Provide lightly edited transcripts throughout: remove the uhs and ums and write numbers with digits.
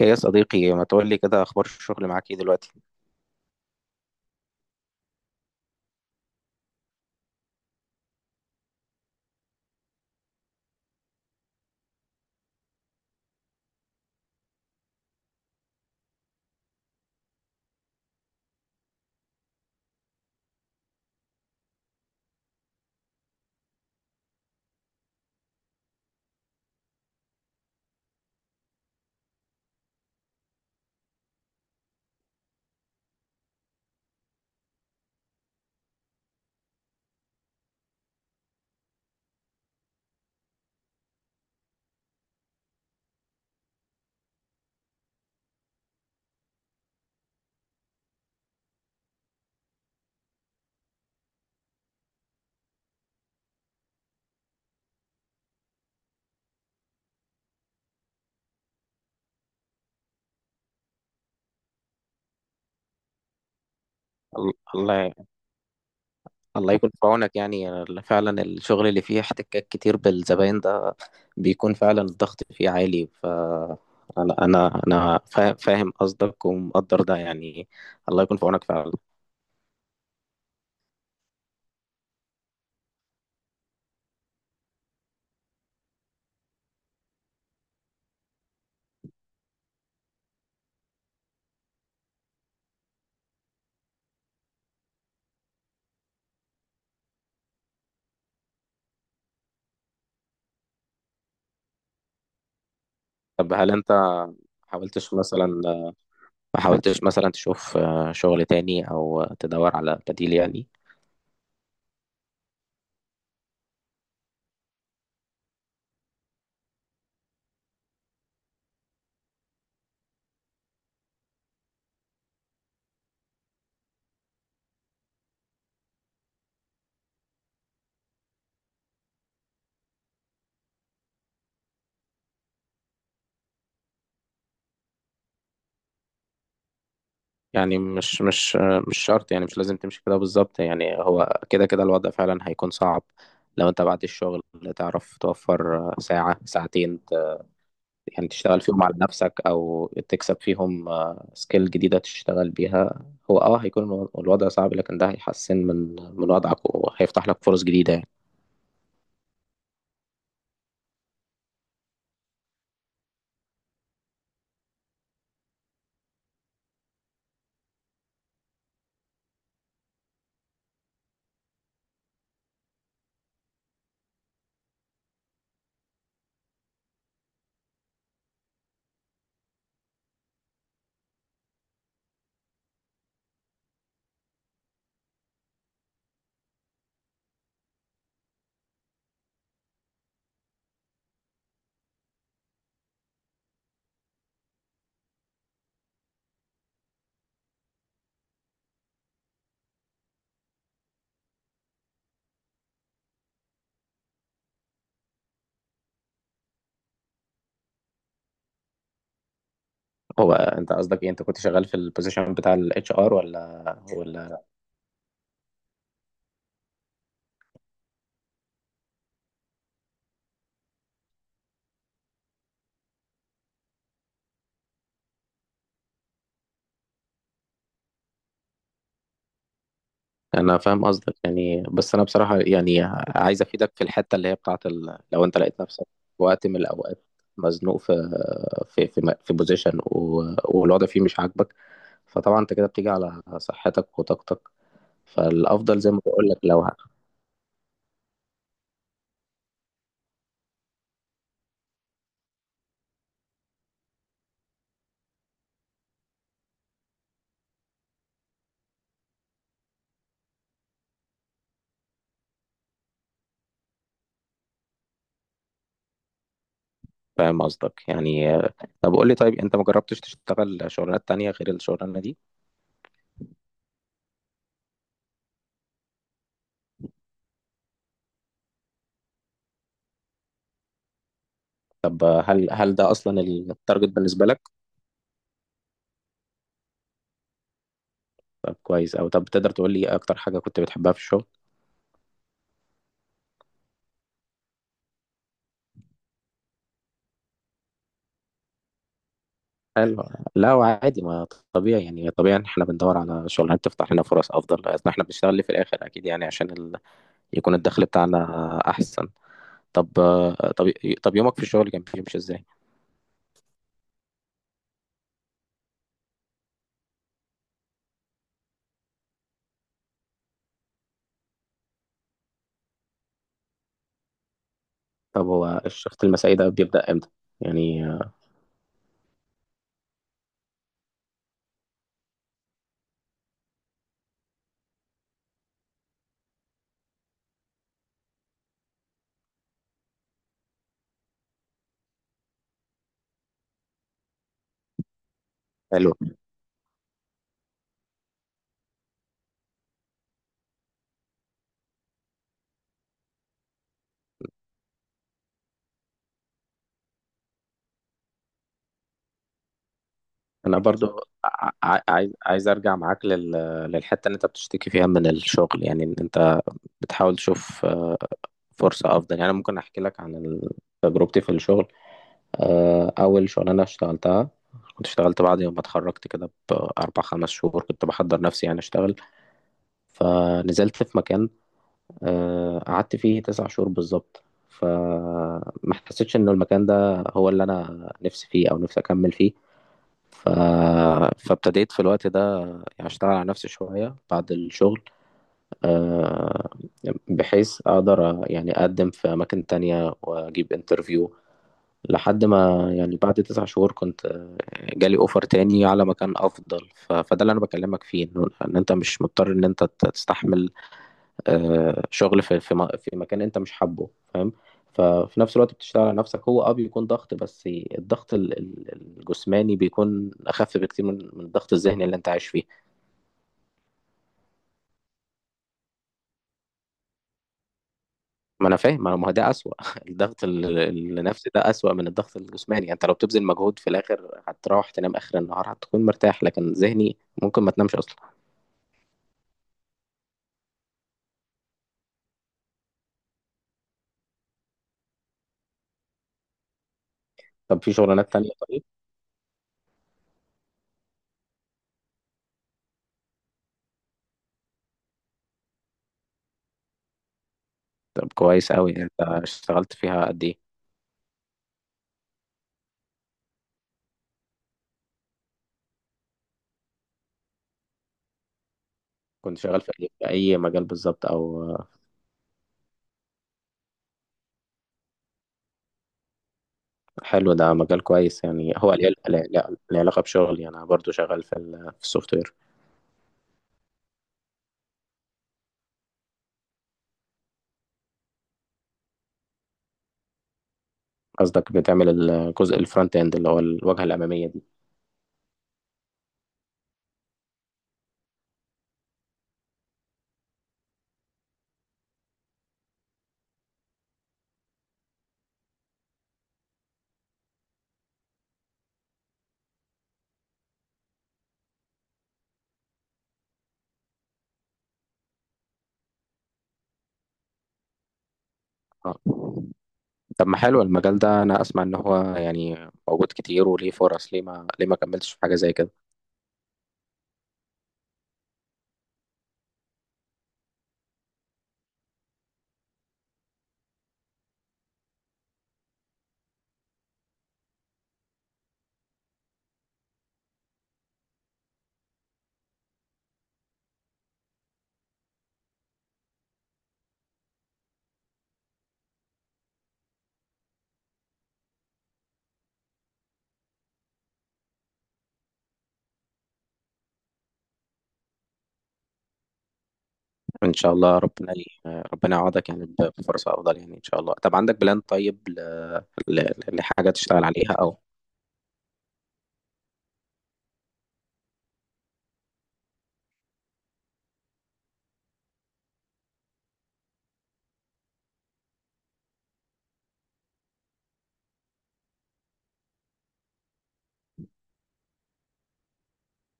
ايه يا صديقي، ما تقول لي كده، اخبار الشغل معاك ايه دلوقتي؟ الله. الله يكون في عونك، يعني فعلا الشغل اللي فيه احتكاك كتير بالزباين ده بيكون فعلا الضغط فيه عالي. انا انا أنا فا- فاهم قصدك ومقدر ده يعني. الله يكون في عونك فعلا. طب هل انت حاولتش مثلا ما حاولتش مثلا تشوف، شغل تاني او تدور على بديل يعني. يعني مش شرط، يعني مش لازم تمشي كده بالظبط، يعني هو كده كده الوضع فعلا هيكون صعب. لو انت بعد الشغل تعرف توفر ساعة ساعتين يعني تشتغل فيهم على نفسك او تكسب فيهم سكيل جديدة تشتغل بيها. هو هيكون الوضع صعب، لكن ده هيحسن من وضعك وهيفتح لك فرص جديدة يعني. هو انت قصدك ايه، انت كنت شغال في البوزيشن بتاع الاتش ار، ولا؟ انا فاهم قصدك يعني، بس انا بصراحه يعني عايز افيدك في الحته اللي هي بتاعت لو انت لقيت نفسك في وقت من الاوقات، مزنوق في بوزيشن، والوضع فيه مش عاجبك، فطبعا انت كده بتيجي على صحتك وطاقتك، فالافضل زي ما بقول لك فاهم قصدك يعني. طب قول لي، طيب انت ما جربتش تشتغل شغلانات تانية غير الشغلانه دي؟ طب هل ده اصلا التارجت بالنسبه لك؟ طب كويس. او طب، تقدر تقول لي إيه اكتر حاجه كنت بتحبها في الشغل؟ حلو. لا هو عادي، ما طبيعي يعني، طبيعي ان احنا بندور على شغلانات تفتح لنا فرص افضل، لأن احنا بنشتغل ليه في الاخر؟ اكيد يعني، عشان يكون الدخل بتاعنا احسن. طب طب طب يومك في الشغل كان بيمشي ازاي؟ طب هو الشفت المسائي ده بيبدأ امتى يعني؟ حلو. انا برضو عايز ارجع معاك للحته اللي انت بتشتكي فيها من الشغل، يعني ان انت بتحاول تشوف فرصه افضل. يعني أنا ممكن احكي لك عن تجربتي في الشغل. أول شغلانة اشتغلتها، كنت اشتغلت بعد يوم ما اتخرجت، كده بأربع خمس شهور كنت بحضر نفسي يعني أشتغل. فنزلت في مكان، قعدت فيه تسع شهور بالظبط، فما حسيتش إن المكان ده هو اللي أنا نفسي فيه أو نفسي أكمل فيه. ف... فابتديت في الوقت ده، يعني أشتغل على نفسي شوية بعد الشغل، آه، بحيث أقدر يعني أقدم في أماكن تانية وأجيب انترفيو، لحد ما يعني بعد 9 شهور كنت جالي اوفر تاني على مكان افضل. فده اللي انا بكلمك فيه، انه ان انت مش مضطر ان انت تستحمل شغل في مكان انت مش حابه، فاهم؟ ففي نفس الوقت بتشتغل على نفسك، هو بيكون ضغط، بس الضغط الجسماني بيكون اخف بكتير من الضغط الذهني اللي انت عايش فيه. ما انا فاهم، ما هو ده اسوأ. الضغط النفسي ده اسوأ من الضغط الجسماني. يعني انت لو بتبذل مجهود في الاخر هتروح تنام اخر النهار هتكون مرتاح، لكن ذهني ممكن ما تنامش اصلا. طب في شغلانات تانية طيب؟ طب كويس قوي. انت اشتغلت فيها قد ايه؟ كنت شغال في اي مجال بالظبط، او؟ حلو. ده مجال كويس. يعني هو ليه علاقة بشغلي، يعني انا برضو شغال في السوفت وير. قصدك بتعمل الجزء الفرونت اند اللي هو الواجهة الأمامية دي، اه؟ طب ما حلو المجال ده، انا اسمع ان هو يعني موجود كتير وليه فرص، ليه ما كملتش في حاجه زي كده؟ ان شاء الله ربنا يعوضك، يعني بفرصه افضل يعني ان شاء الله. طب عندك بلان طيب ل... لحاجه تشتغل عليها او؟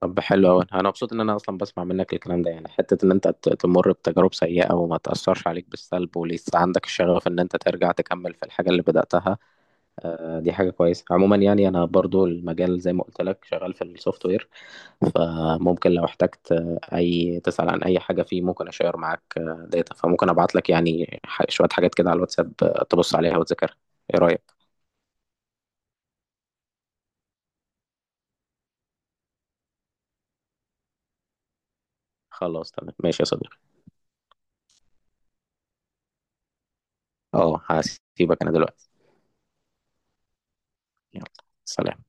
طب حلو قوي، انا مبسوط ان انا اصلا بسمع منك الكلام ده، يعني حته ان انت تمر بتجارب سيئه وما تاثرش عليك بالسلب ولسه عندك الشغف ان انت ترجع تكمل في الحاجه اللي بداتها. دي حاجه كويسه عموما، يعني انا برضو المجال زي ما قلت لك شغال في السوفت وير. فممكن لو احتجت اي تسأل عن اي حاجة فيه، ممكن اشير معاك داتا، فممكن ابعت لك يعني شوية حاجات كده على الواتساب، تبص عليها وتذاكرها. ايه رأيك؟ خلاص تمام ماشي يا صديقي. اه، هسيبك انا دلوقتي. يلا، سلام.